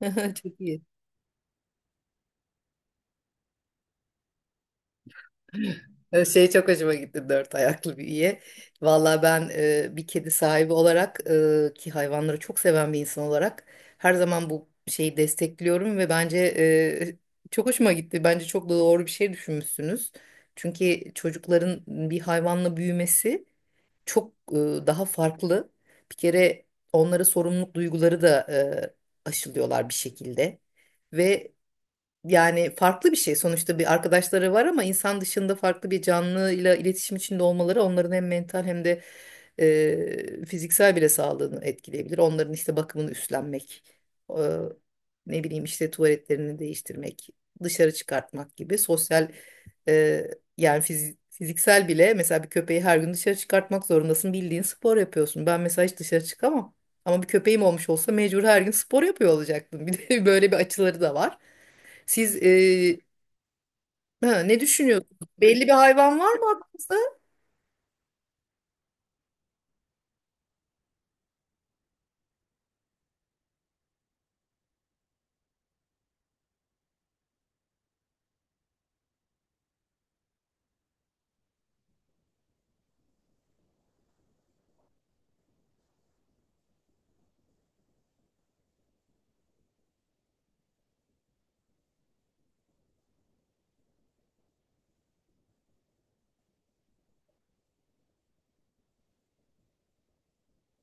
Çok iyi. Şey çok hoşuma gitti dört ayaklı büyüye. Valla ben bir kedi sahibi olarak, ki hayvanları çok seven bir insan olarak, her zaman bu şeyi destekliyorum ve bence çok hoşuma gitti. Bence çok da doğru bir şey düşünmüşsünüz. Çünkü çocukların bir hayvanla büyümesi çok daha farklı. Bir kere onlara sorumluluk duyguları da aşılıyorlar bir şekilde. ve Yani farklı bir şey. Sonuçta bir arkadaşları var ama insan dışında farklı bir canlıyla iletişim içinde olmaları onların hem mental hem de fiziksel bile sağlığını etkileyebilir. Onların işte bakımını üstlenmek, e, ne bileyim işte tuvaletlerini değiştirmek, dışarı çıkartmak gibi sosyal, e, yani fiziksel bile, mesela bir köpeği her gün dışarı çıkartmak zorundasın. Bildiğin spor yapıyorsun. Ben mesela hiç dışarı çıkamam. Ama bir köpeğim olmuş olsa mecbur her gün spor yapıyor olacaktım. Bir de böyle bir açıları da var. Siz e, ha, Ne düşünüyorsunuz? Belli bir hayvan var mı aklınızda?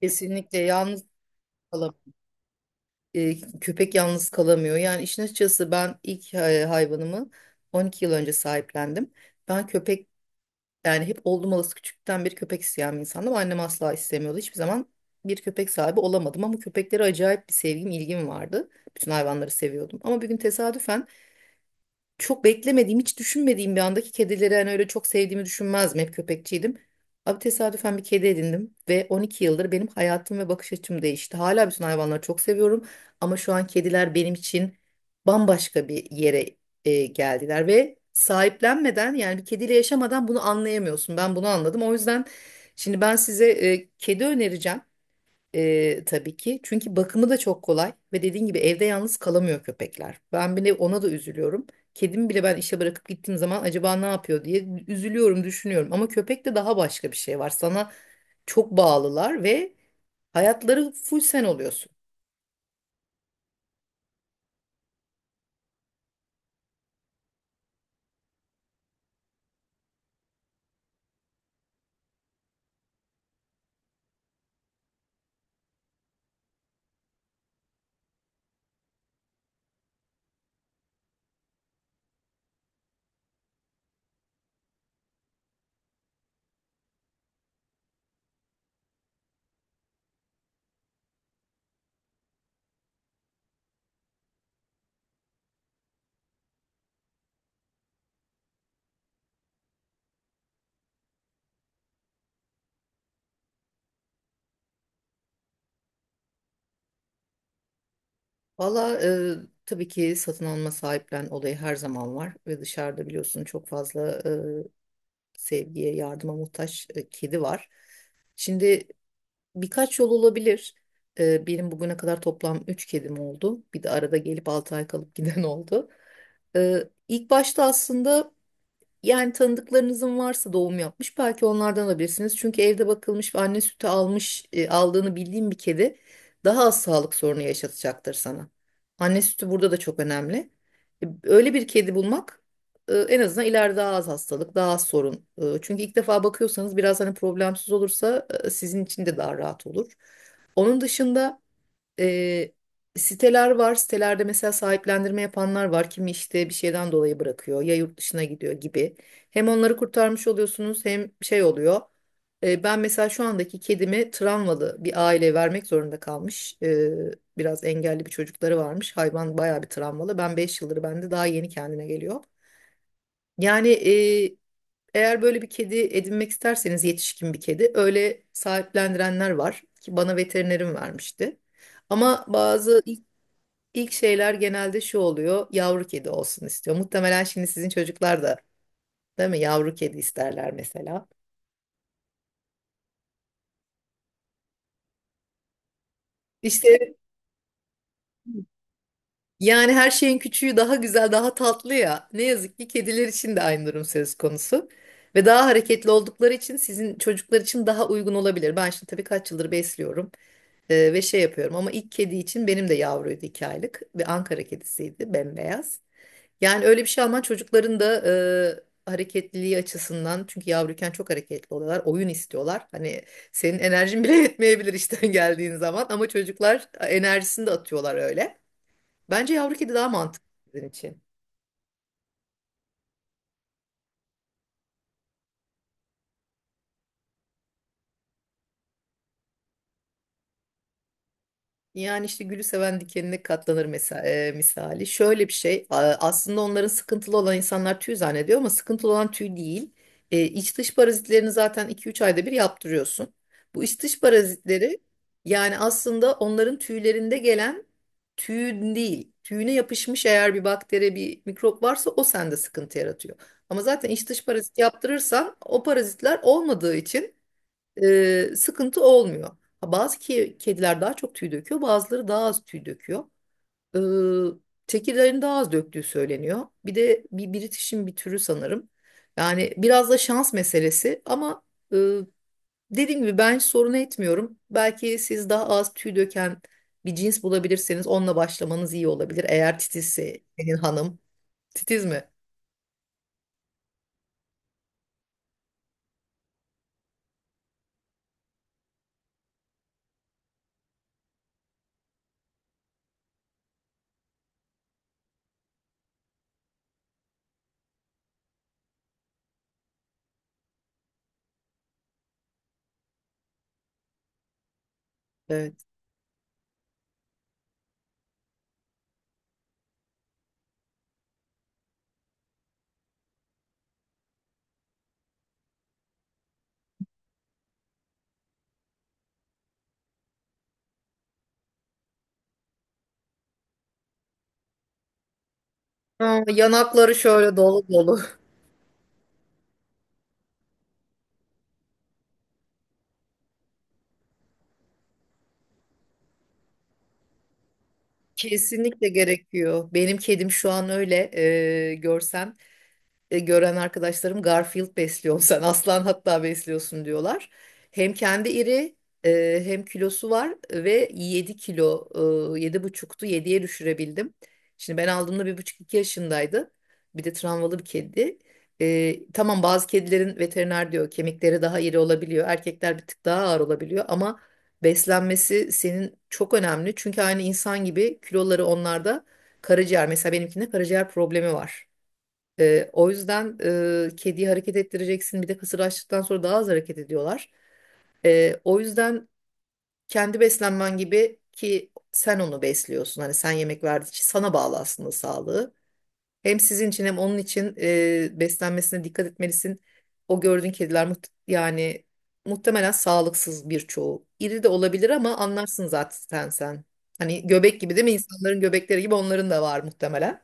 Kesinlikle yalnız kalam e, Köpek yalnız kalamıyor. Yani işin açıkçası ben ilk hayvanımı 12 yıl önce sahiplendim. Ben köpek yani hep oldum olası küçükten bir köpek isteyen bir insandım. Annem asla istemiyordu. Hiçbir zaman bir köpek sahibi olamadım ama köpeklere acayip bir sevgim, ilgim vardı. Bütün hayvanları seviyordum. Ama bir gün tesadüfen çok beklemediğim, hiç düşünmediğim bir andaki kedileri hani öyle çok sevdiğimi düşünmezdim. Hep köpekçiydim. Abi tesadüfen bir kedi edindim ve 12 yıldır benim hayatım ve bakış açım değişti. Hala bütün hayvanları çok seviyorum ama şu an kediler benim için bambaşka bir yere geldiler ve sahiplenmeden, yani bir kediyle yaşamadan bunu anlayamıyorsun. Ben bunu anladım. O yüzden şimdi ben size kedi önereceğim. Tabii ki. Çünkü bakımı da çok kolay ve dediğin gibi evde yalnız kalamıyor köpekler. Ben bile ona da üzülüyorum. Kedimi bile ben işe bırakıp gittiğim zaman acaba ne yapıyor diye üzülüyorum, düşünüyorum. Ama köpekte daha başka bir şey var. Sana çok bağlılar ve hayatları full sen oluyorsun. Valla tabii ki satın alma, sahiplen olayı her zaman var ve dışarıda biliyorsun çok fazla sevgiye, yardıma muhtaç kedi var. Şimdi birkaç yol olabilir. Benim bugüne kadar toplam 3 kedim oldu. Bir de arada gelip 6 ay kalıp giden oldu. İlk başta aslında, yani tanıdıklarınızın varsa doğum yapmış, belki onlardan alabilirsiniz. Çünkü evde bakılmış ve anne sütü aldığını bildiğim bir kedi daha az sağlık sorunu yaşatacaktır sana. Anne sütü burada da çok önemli. Öyle bir kedi bulmak en azından ileride daha az hastalık, daha az sorun. Çünkü ilk defa bakıyorsanız biraz hani problemsiz olursa sizin için de daha rahat olur. Onun dışında e, siteler var. Sitelerde mesela sahiplendirme yapanlar var. Kimi işte bir şeyden dolayı bırakıyor, ya yurt dışına gidiyor gibi. Hem onları kurtarmış oluyorsunuz hem şey oluyor. Ben mesela şu andaki kedimi travmalı bir aileye vermek zorunda kalmış. Biraz engelli bir çocukları varmış. Hayvan bayağı bir travmalı. Ben 5 yıldır, bende daha yeni kendine geliyor. Yani eğer böyle bir kedi edinmek isterseniz, yetişkin bir kedi öyle sahiplendirenler var ki bana veterinerim vermişti. Ama bazı İlk şeyler genelde şu oluyor. Yavru kedi olsun istiyor. Muhtemelen şimdi sizin çocuklar da, değil mi? Yavru kedi isterler mesela. İşte yani her şeyin küçüğü daha güzel, daha tatlı ya. Ne yazık ki kediler için de aynı durum söz konusu. Ve daha hareketli oldukları için sizin çocuklar için daha uygun olabilir. Ben şimdi tabii kaç yıldır besliyorum ve şey yapıyorum ama ilk kedi için benim de yavruydu, 2 aylık ve Ankara kedisiydi, bembeyaz. Yani öyle bir şey alman çocukların da hareketliliği açısından, çünkü yavruyken çok hareketli oluyorlar. Oyun istiyorlar. Hani senin enerjin bile yetmeyebilir işten geldiğin zaman, ama çocuklar enerjisini de atıyorlar öyle. Bence yavru kedi daha mantıklı sizin için. Yani işte gülü seven dikenine katlanır mesela, misali. Şöyle bir şey, aslında onların sıkıntılı olan, insanlar tüy zannediyor ama sıkıntılı olan tüy değil. İç dış parazitlerini zaten 2-3 ayda bir yaptırıyorsun. Bu iç dış parazitleri, yani aslında onların tüylerinde gelen, tüyün değil. Tüyüne yapışmış eğer bir bakteri, bir mikrop varsa, o sende sıkıntı yaratıyor. Ama zaten iç dış parazit yaptırırsan, o parazitler olmadığı için sıkıntı olmuyor. Ha, bazı kediler daha çok tüy döküyor, bazıları daha az tüy döküyor. Ee, Tekirlerin daha az döktüğü söyleniyor. Bir de bir British'in bir türü sanırım. Yani biraz da şans meselesi ama e, dediğim gibi ben hiç sorun etmiyorum. Belki siz daha az tüy döken bir cins bulabilirseniz, onunla başlamanız iyi olabilir. Eğer titizse senin hanım. Titiz mi? Evet. Aa, yanakları şöyle dolu dolu. Kesinlikle gerekiyor. Benim kedim şu an öyle e, görsem gören arkadaşlarım Garfield besliyorsun, sen aslan hatta besliyorsun diyorlar. Hem kendi iri, hem kilosu var ve 7 kilo, yedi buçuktu, 7'ye düşürebildim. Şimdi ben aldığımda bir buçuk, iki yaşındaydı. Bir de travmalı bir kedi. Tamam, bazı kedilerin veteriner diyor kemikleri daha iri olabiliyor. Erkekler bir tık daha ağır olabiliyor ama beslenmesi senin çok önemli. Çünkü aynı insan gibi kiloları onlarda, karaciğer mesela benimkinde karaciğer problemi var. O yüzden kediyi hareket ettireceksin. Bir de kısır açtıktan sonra daha az hareket ediyorlar. O yüzden kendi beslenmen gibi, ki sen onu besliyorsun. Hani sen yemek verdiği için sana bağlı aslında sağlığı. Hem sizin için hem onun için beslenmesine dikkat etmelisin. O gördüğün kediler, yani muhtemelen sağlıksız birçoğu. İri de olabilir ama anlarsın zaten sen. Hani göbek gibi değil mi? İnsanların göbekleri gibi onların da var muhtemelen.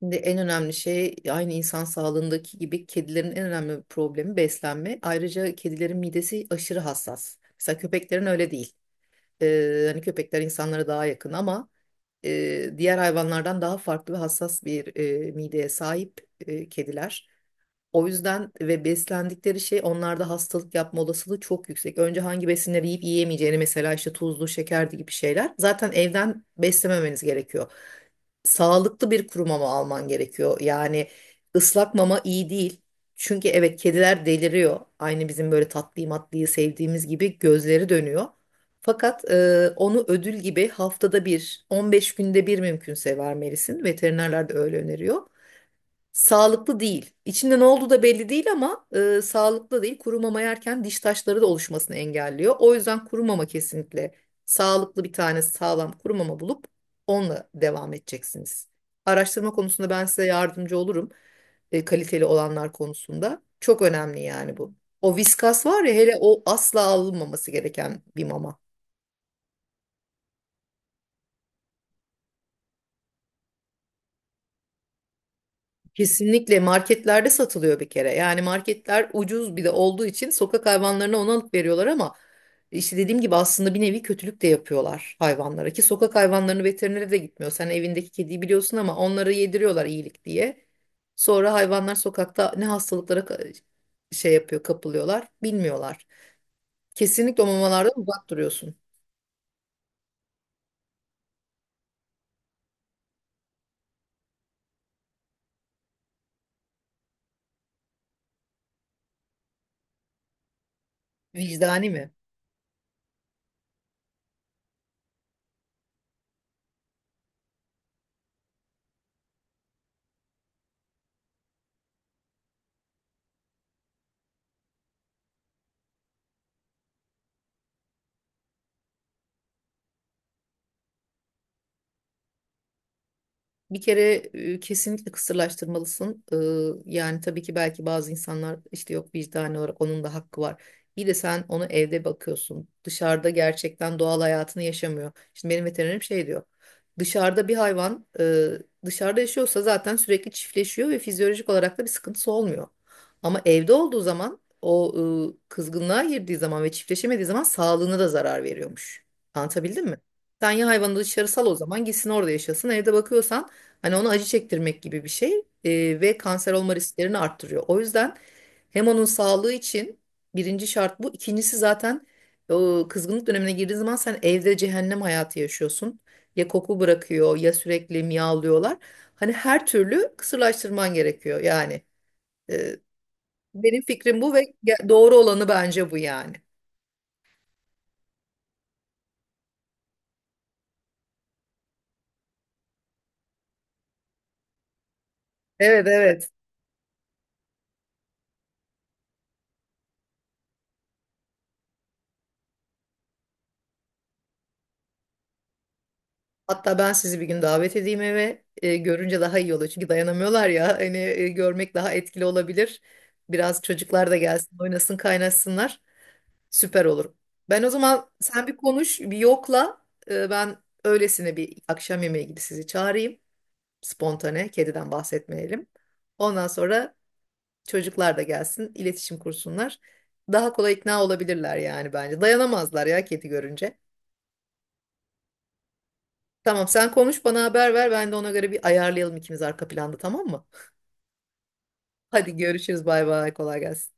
Şimdi en önemli şey, aynı insan sağlığındaki gibi, kedilerin en önemli problemi beslenme. Ayrıca kedilerin midesi aşırı hassas. Mesela köpeklerin öyle değil. Hani köpekler insanlara daha yakın ama diğer hayvanlardan daha farklı ve hassas bir mideye sahip kediler. O yüzden ve beslendikleri şey onlarda hastalık yapma olasılığı çok yüksek. Önce hangi besinleri yiyip yiyemeyeceğini, mesela işte tuzlu, şekerli gibi şeyler. Zaten evden beslememeniz gerekiyor, sağlıklı bir kuru mama alman gerekiyor. Yani ıslak mama iyi değil. Çünkü evet, kediler deliriyor. Aynı bizim böyle tatlıyı matlıyı sevdiğimiz gibi gözleri dönüyor. Fakat onu ödül gibi haftada bir, 15 günde bir mümkünse vermelisin. Veterinerler de öyle öneriyor. Sağlıklı değil. İçinde ne olduğu da belli değil ama sağlıklı değil. Kuru mama yerken diş taşları da oluşmasını engelliyor. O yüzden kuru mama kesinlikle, sağlıklı bir tane sağlam kuru mama bulup onunla devam edeceksiniz. Araştırma konusunda ben size yardımcı olurum. Kaliteli olanlar konusunda. Çok önemli yani bu. O viskas var ya, hele o asla alınmaması gereken bir mama. Kesinlikle marketlerde satılıyor bir kere. Yani marketler ucuz bir de olduğu için sokak hayvanlarına onu alıp veriyorlar ama işte dediğim gibi aslında bir nevi kötülük de yapıyorlar hayvanlara, ki sokak hayvanlarını veterinere de gitmiyor. Sen evindeki kediyi biliyorsun ama onları yediriyorlar iyilik diye. Sonra hayvanlar sokakta ne hastalıklara şey yapıyor, kapılıyorlar, bilmiyorlar. Kesinlikle o mamalardan uzak duruyorsun. Vicdani mi? Bir kere kesinlikle kısırlaştırmalısın. Yani tabii ki belki bazı insanlar işte yok, vicdani olarak onun da hakkı var. Bir de sen onu evde bakıyorsun. Dışarıda gerçekten doğal hayatını yaşamıyor. Şimdi benim veterinerim şey diyor. Dışarıda bir hayvan, dışarıda yaşıyorsa zaten sürekli çiftleşiyor ve fizyolojik olarak da bir sıkıntısı olmuyor. Ama evde olduğu zaman o, kızgınlığa girdiği zaman ve çiftleşemediği zaman sağlığına da zarar veriyormuş. Anlatabildim mi? Sen ya hayvanı dışarı sal, o zaman gitsin orada yaşasın. Evde bakıyorsan, hani ona acı çektirmek gibi bir şey, ve kanser olma risklerini arttırıyor. O yüzden hem onun sağlığı için birinci şart bu. İkincisi zaten o kızgınlık dönemine girdiğin zaman sen evde cehennem hayatı yaşıyorsun. Ya koku bırakıyor ya sürekli miyavlıyorlar. Hani her türlü kısırlaştırman gerekiyor yani. E, Benim fikrim bu ve doğru olanı bence bu yani. Evet, evet. Hatta ben sizi bir gün davet edeyim eve. Görünce daha iyi olur. Çünkü dayanamıyorlar ya. Hani görmek daha etkili olabilir. Biraz çocuklar da gelsin, oynasın, kaynaşsınlar. Süper olur. Ben o zaman sen bir konuş, bir yokla. Ben öylesine bir akşam yemeği gibi sizi çağırayım. Spontane, kediden bahsetmeyelim. Ondan sonra çocuklar da gelsin, iletişim kursunlar. Daha kolay ikna olabilirler yani bence. Dayanamazlar ya kedi görünce. Tamam, sen konuş bana haber ver, ben de ona göre bir ayarlayalım ikimiz arka planda, tamam mı? Hadi görüşürüz, bay bay, kolay gelsin.